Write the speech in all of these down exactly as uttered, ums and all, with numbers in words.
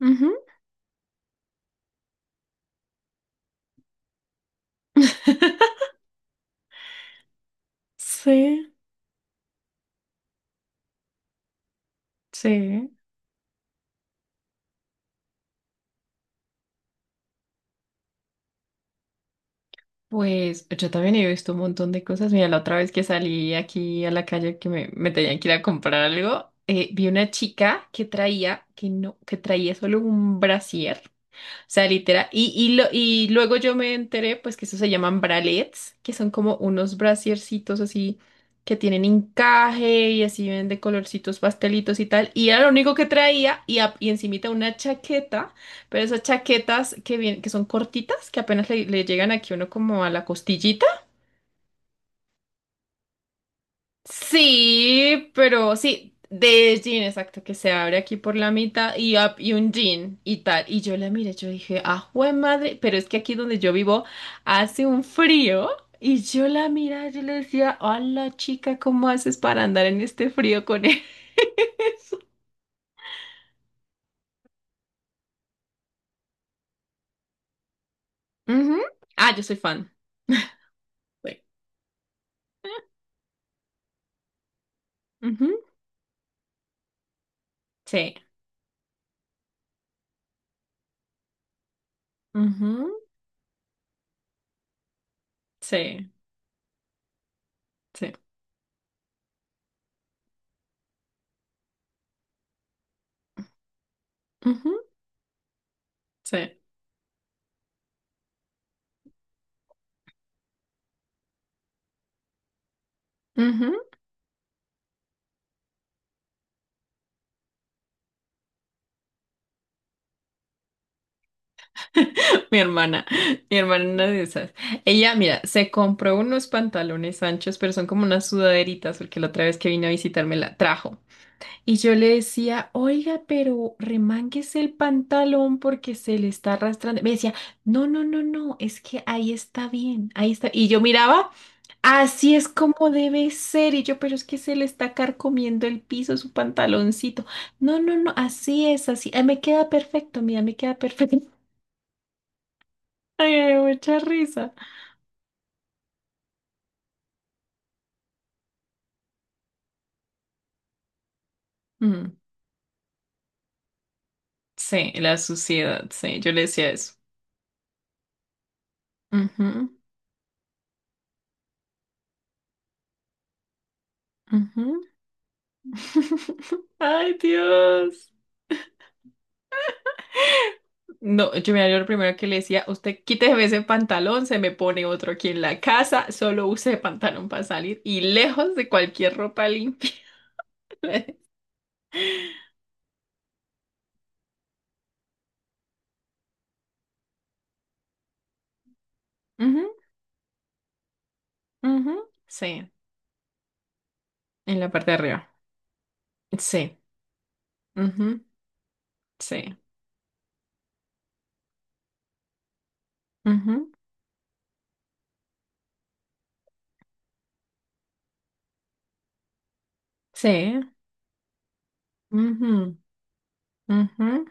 Ujú. Sí, sí. Pues yo también he visto un montón de cosas. Mira, la otra vez que salí aquí a la calle que me, me tenían que ir a comprar algo, eh, vi una chica que traía, que no, que traía solo un brasier. Sea, literal. Y, y, lo- y luego yo me enteré, pues, que eso se llaman bralets, que son como unos brasiercitos así que tienen encaje y así ven de colorcitos pastelitos y tal. Y era lo único que traía y, a- y encimita una chaqueta, pero esas chaquetas que, vien- que son cortitas, que apenas le, le llegan aquí a uno como a la costillita. Sí, pero sí, de jean, exacto, que se abre aquí por la mitad y, up- y un jean y tal. Y yo la miré, yo dije, ah, jue madre, pero es que aquí donde yo vivo hace un frío. Y yo la miraba, yo le decía, hola chica, ¿cómo haces para andar en este frío con él? Ujú. Ah, yo soy fan. Sí. Ujú, sí, ujú, sí, sí, ujú, sí, ujú. Mi hermana, mi hermana una de esas. Ella, mira, se compró unos pantalones anchos, pero son como unas sudaderitas, porque la otra vez que vino a visitarme la trajo. Y yo le decía, oiga, pero remánguese el pantalón porque se le está arrastrando. Me decía, no, no, no, no, es que ahí está bien, ahí está. Y yo miraba, así es como debe ser. Y yo, pero es que se le está carcomiendo el piso, su pantaloncito. No, no, no, así es, así. Ah, me queda perfecto, mira, me queda perfecto. Ay, me dio mucha risa. Mm, sí, la suciedad, sí, yo le decía eso. Ujú, ujú. Ay, Dios. No, yo me acuerdo lo primero que le decía, usted quítese ese pantalón, se me pone otro aquí en la casa, solo use pantalón para salir y lejos de cualquier ropa limpia. Ujú, ujú. Sí, en la parte de arriba. Sí, ujú, sí, ujú, sí, ujú, ujú.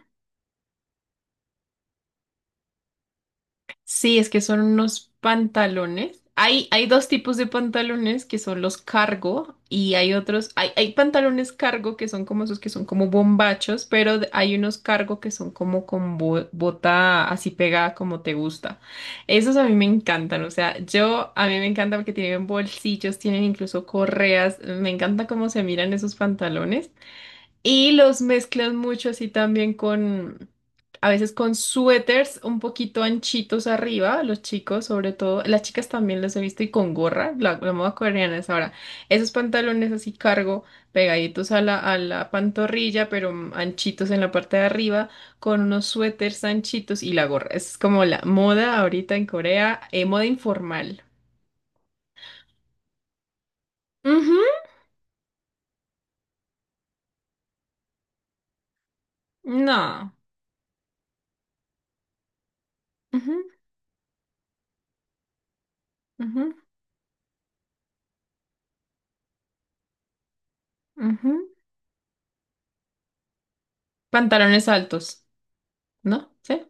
Sí, es que son unos pantalones. Hay, hay dos tipos de pantalones que son los cargo y hay otros, hay, hay pantalones cargo que son como esos que son como bombachos, pero de- hay unos cargo que son como con bo- bota así pegada como te gusta. Esos a mí me encantan, o sea, yo a mí me encanta porque tienen bolsillos, tienen incluso correas, me encanta cómo se miran esos pantalones. Y los mezclan mucho así también con, a veces con suéteres un poquito anchitos arriba, los chicos sobre todo, las chicas también los he visto y con gorra, la, la moda coreana es ahora, esos pantalones así cargo pegaditos a la, a la pantorrilla, pero mm, anchitos en la parte de arriba, con unos suéteres anchitos y la gorra. Es como la moda ahorita en Corea, eh, moda informal. Ujú, no. Ujú, ujú, ujú. Pantalones altos, ¿no? Sí.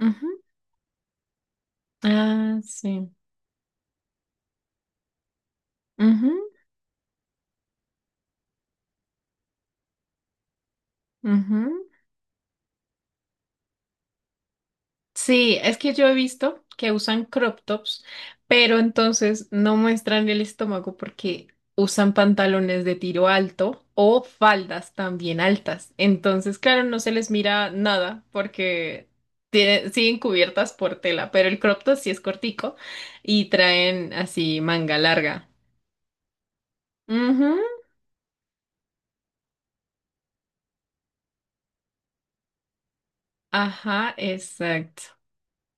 Ujú. Ah, sí. Ujú, ujú. Sí, es que yo he visto que usan crop tops, pero entonces no muestran el estómago porque usan pantalones de tiro alto o faldas también altas. Entonces, claro, no se les mira nada porque tiene- siguen cubiertas por tela, pero el crop top sí es cortico y traen así manga larga. Ujú, ajá, exacto.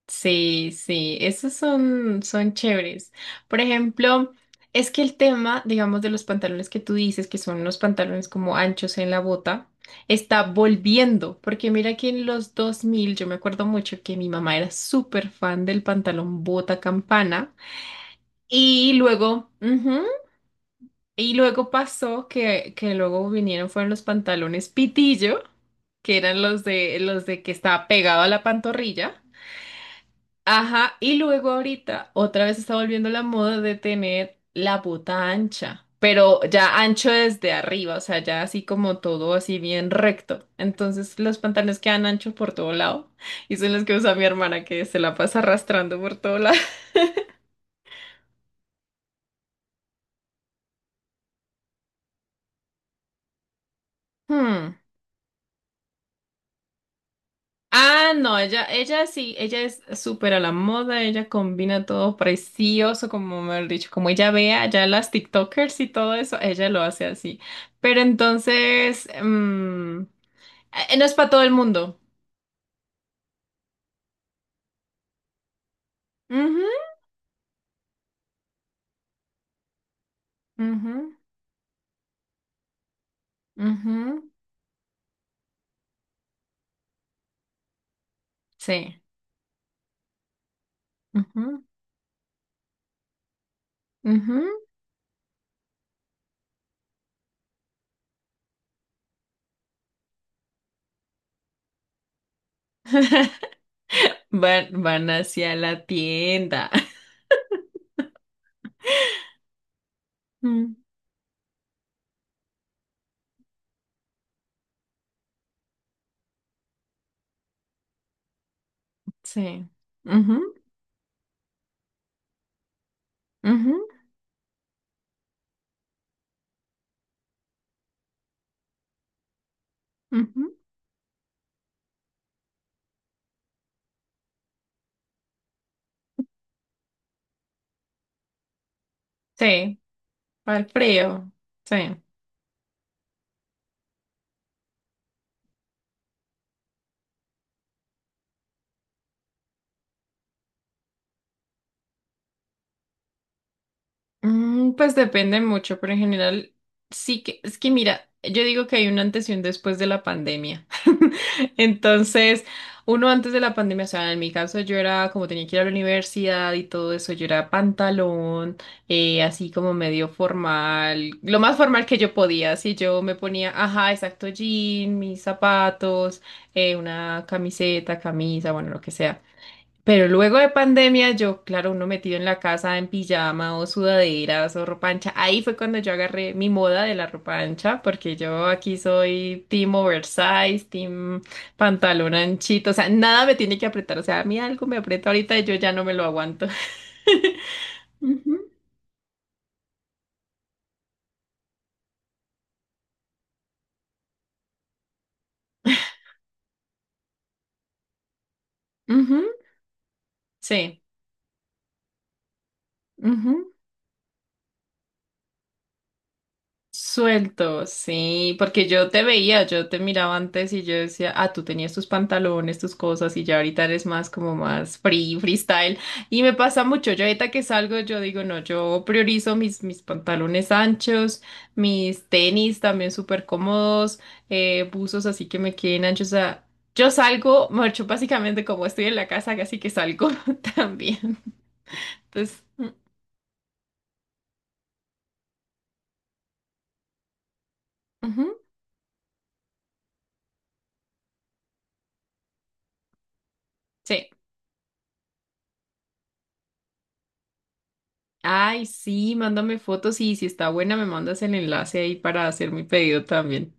Sí, sí, esos son, son chéveres. Por ejemplo, es que el tema, digamos, de los pantalones que tú dices, que son unos pantalones como anchos en la bota, está volviendo, porque mira que en los dos mil yo me acuerdo mucho que mi mamá era súper fan del pantalón bota campana y luego, ujú, y luego pasó que, que luego vinieron, fueron los pantalones pitillo, que eran los de, los de que estaba pegado a la pantorrilla. Ajá, y luego ahorita otra vez está volviendo la moda de tener la bota ancha, pero ya ancho desde arriba, o sea, ya así como todo así bien recto. Entonces los pantalones quedan anchos por todo lado y son los que usa mi hermana que se la pasa arrastrando por todo lado. Hmm. Ah, no, ella, ella sí, ella es súper a la moda, ella combina todo precioso, como me han dicho, como ella vea ya las TikTokers y todo eso, ella lo hace así. Pero entonces, mm, eh, no es para todo el mundo. Ujú, ujú, ujú, sí, ujú, ujú. Van, van hacia la tienda. Mm, sí. Ujú, ujú, ujú. Sí. Para el frío. Sí. Mm, pues depende mucho, pero en general sí que es que mira, yo digo que hay un antes y un después de la pandemia. Entonces, uno antes de la pandemia, o sea, en mi caso yo era como tenía que ir a la universidad y todo eso, yo era pantalón, eh, así como medio formal, lo más formal que yo podía, así yo me ponía, ajá, exacto, jean, mis zapatos, eh, una camiseta, camisa, bueno, lo que sea. Pero luego de pandemia, yo, claro, uno metido en la casa en pijama o sudaderas o ropa ancha, ahí fue cuando yo agarré mi moda de la ropa ancha, porque yo aquí soy team oversize, team pantalón anchito, o sea, nada me tiene que apretar, o sea, a mí algo me aprieta ahorita y yo ya no me lo aguanto. Ujú, ujú, sí. Suelto, sí, porque yo te veía, yo te miraba antes y yo decía, ah, tú tenías tus pantalones, tus cosas y ya ahorita eres más como más free, freestyle. Y me pasa mucho, yo ahorita que salgo, yo digo, no, yo priorizo mis, mis pantalones anchos, mis tenis también súper cómodos, eh, buzos así que me queden anchos. O sea, yo salgo, mucho básicamente como estoy en la casa, así que salgo también. Entonces, mm, ujú, sí. Ay, sí, mándame fotos y si está buena me mandas el enlace ahí para hacer mi pedido también.